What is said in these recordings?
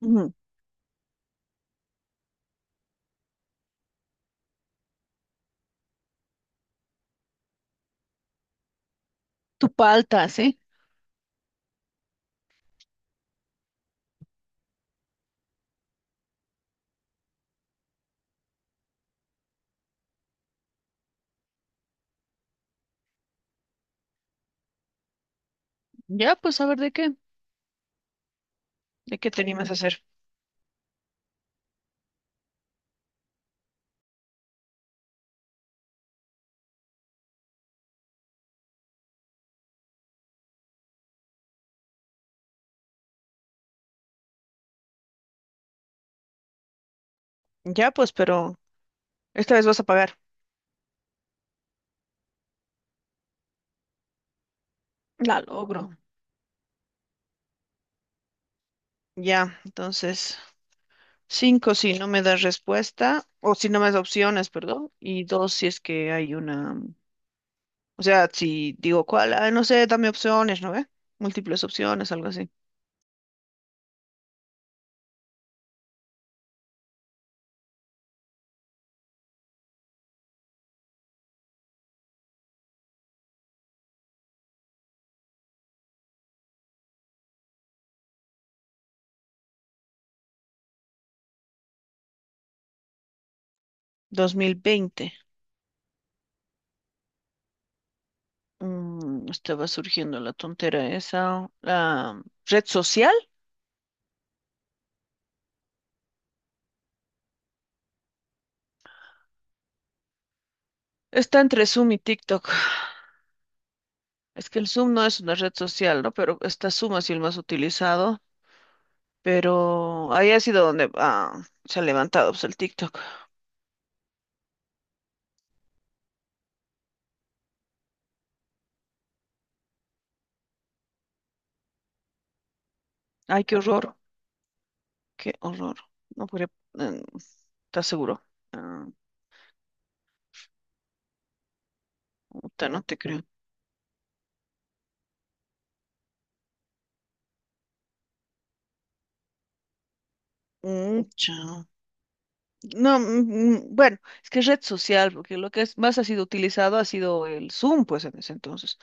Ujú. Tu palta, ¿sí? Ya, pues a ver de qué te animas a hacer. Ya, pues, pero esta vez vas a pagar. La logro. Ya, entonces, cinco si no me das respuesta, o si no me das opciones, perdón, y dos si es que hay una, o sea, si digo cuál, ah, no sé, dame opciones, ¿no ve? Múltiples opciones, algo así. 2020, estaba surgiendo la tontera esa, la red social, está entre Zoom y TikTok. Es que el Zoom no es una red social, ¿no? Pero está Zoom ha sido el más utilizado. Pero ahí ha sido donde se ha levantado, pues, el TikTok. Ay, qué horror, qué horror. No podría, eh, ¿estás seguro? Ah, puta, no te creo. Mm, chao. No, bueno, es que es red social, porque más ha sido utilizado ha sido el Zoom, pues en ese entonces,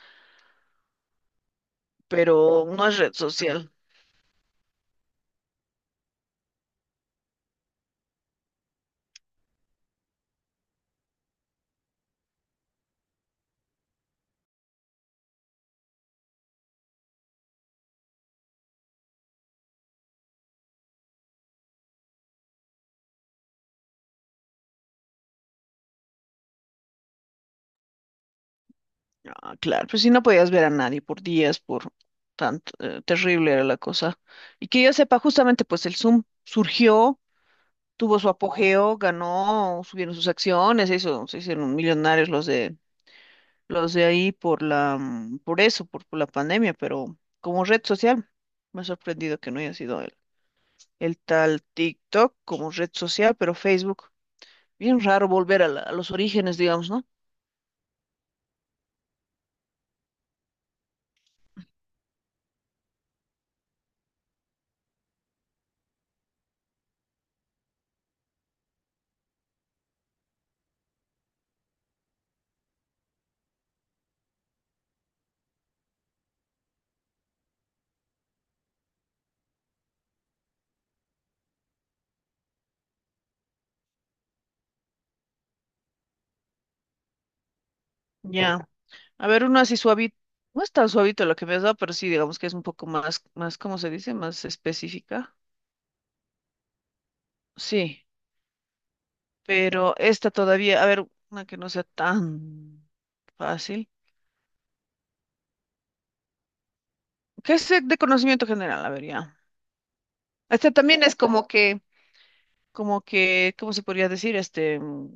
pero no es red social. Ah, claro, pues si no podías ver a nadie por días, por tanto, terrible era la cosa. Y que yo sepa, justamente pues el Zoom surgió, tuvo su apogeo, ganó, subieron sus acciones, se hicieron millonarios los de ahí por la por eso, por la pandemia, pero como red social me ha sorprendido que no haya sido el tal TikTok como red social, pero Facebook, bien raro volver a los orígenes, digamos, ¿no? Ya. A ver, uno así suavito. No es tan suavito lo que me has dado, pero sí, digamos que es un poco más, más, ¿cómo se dice? Más específica. Sí, pero esta todavía, a ver, una que no sea tan fácil. ¿Qué es de conocimiento general? A ver, ya. Esta también es como que, ¿cómo se podría decir? Este, mm,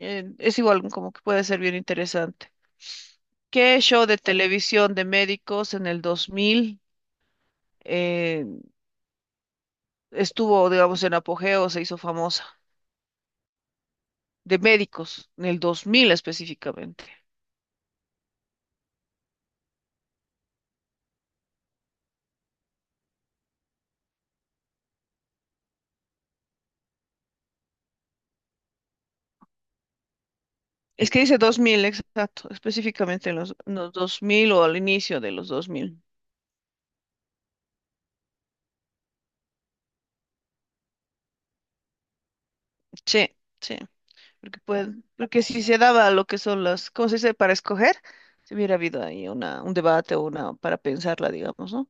eh, es igual, como que puede ser bien interesante. ¿Qué show de televisión de médicos en el 2000 eh, estuvo, digamos, en apogeo o se hizo famosa? De médicos, en el 2000 específicamente. Es que dice 2000, exacto, específicamente en los 2000 o al inicio de los 2000. Sí, sí, porque, puede, porque si se daba lo que son las, ¿cómo se dice? Para escoger, si hubiera habido ahí una, un debate o una para pensarla, digamos, ¿no?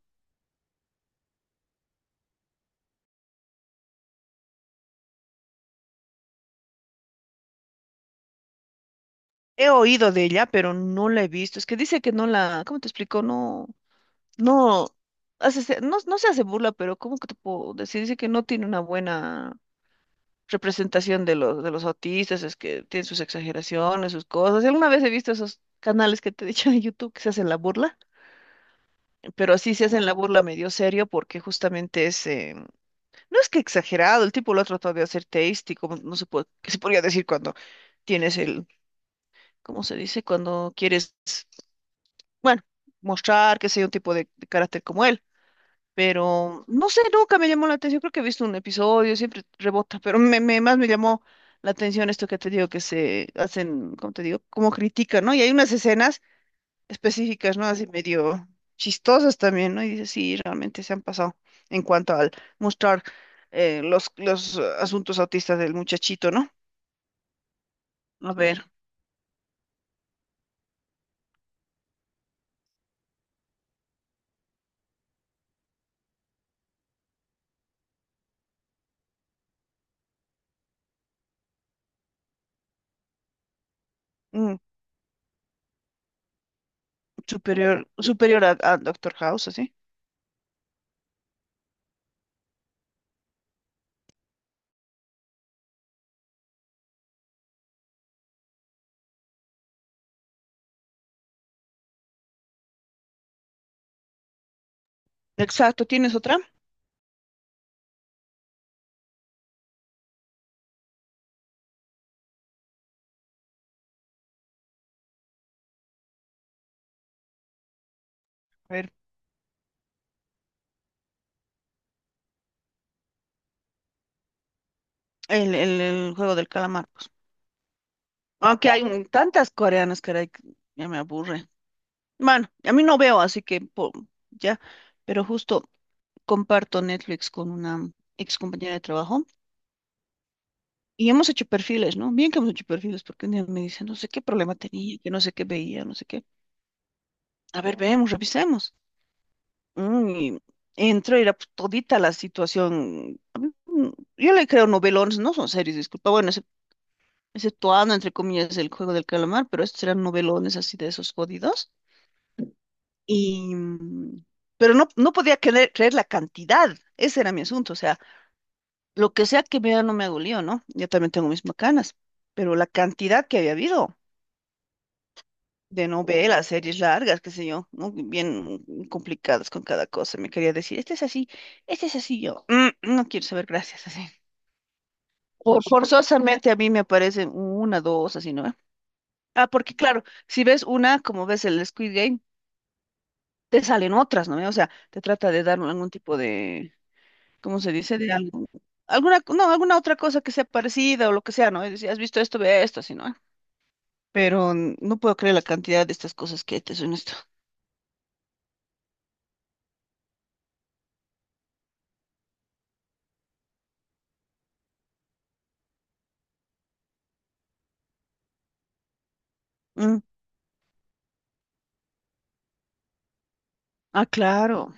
He oído de ella, pero no la he visto. Es que dice que no la, ¿cómo te explico? No, no, no, no se hace burla, pero ¿cómo que te puedo decir? Dice que no tiene una buena representación de los autistas, es que tienen sus exageraciones, sus cosas. Alguna vez he visto esos canales que te he dicho de YouTube que se hacen la burla, pero sí se hacen la burla medio serio porque justamente es, no es que exagerado, el tipo lo ha tratado de hacer teístico, como no se puede, que se podría decir cuando tienes el, ¿cómo se dice? Cuando quieres, bueno, mostrar que sea un tipo de carácter como él. Pero no sé, nunca me llamó la atención, creo que he visto un episodio, siempre rebota, pero más me llamó la atención esto que te digo, que se hacen, ¿cómo te digo? Como critican, ¿no? Y hay unas escenas específicas, ¿no? Así medio chistosas también, ¿no? Y dices, sí, realmente se han pasado en cuanto al mostrar los asuntos autistas del muchachito, ¿no? A ver, mm, superior, superior a Doctor House, así. Exacto, ¿tienes otra? A ver, el juego del calamar, pues. Aunque hay tantas coreanas, caray, que ya me aburre. Bueno, a mí no veo, así que ya, pero justo comparto Netflix con una ex compañera de trabajo y hemos hecho perfiles, ¿no? Bien que hemos hecho perfiles, porque un día me dice, no sé qué problema tenía, que no sé qué veía, no sé qué. A ver, vemos, revisemos. Mm, y entro y era, pues, todita la situación. Yo le creo novelones, no son series, disculpa. Bueno, exceptuando, entre comillas, el juego del calamar, pero estos eran novelones así de esos jodidos, Y, mm, pero no, no podía creer, la cantidad, ese era mi asunto, o sea, lo que sea que vea no me hago lío, ¿no? Yo también tengo mis macanas, pero la cantidad que había habido de novelas, series largas, qué sé yo, ¿no? Bien complicadas con cada cosa, me quería decir, este es así, yo: "Mm, no quiero saber, gracias", así. Forzosamente a mí me aparecen una, dos, así, ¿no? Ah, porque claro, si ves una, como ves el Squid Game, te salen otras, ¿no? O sea, te trata de dar algún tipo de, ¿cómo se dice? De algo, alguna, no, alguna otra cosa que sea parecida o lo que sea, ¿no? Y decía, has visto esto, ve esto, así, ¿no? Pero no puedo creer la cantidad de estas cosas que hay, te soy honesto. Mm, ah, claro.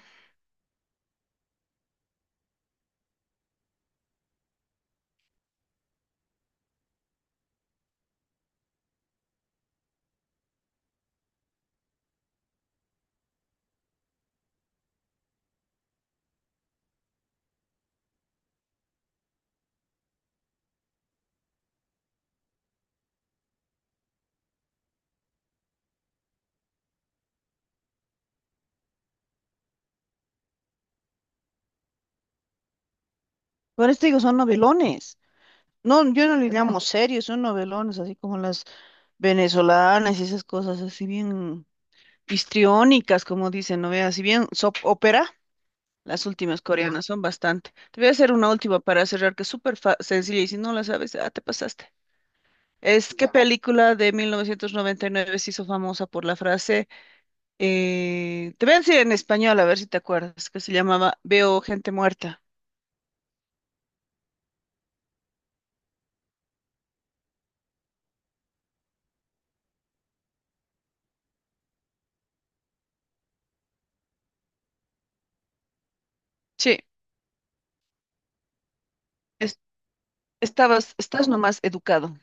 Por esto digo, son novelones. No, yo no le llamo serios, son novelones, así como las venezolanas y esas cosas, así bien histriónicas, como dicen, ¿no? Veas, si bien soap opera, las últimas coreanas son bastante. Te voy a hacer una última para cerrar, que es súper sencilla, y si no la sabes, ah, te pasaste. Es que película de 1999 se hizo famosa por la frase, te voy a decir en español, a ver si te acuerdas, que se llamaba Veo gente muerta. Sí, es- estás nomás educado.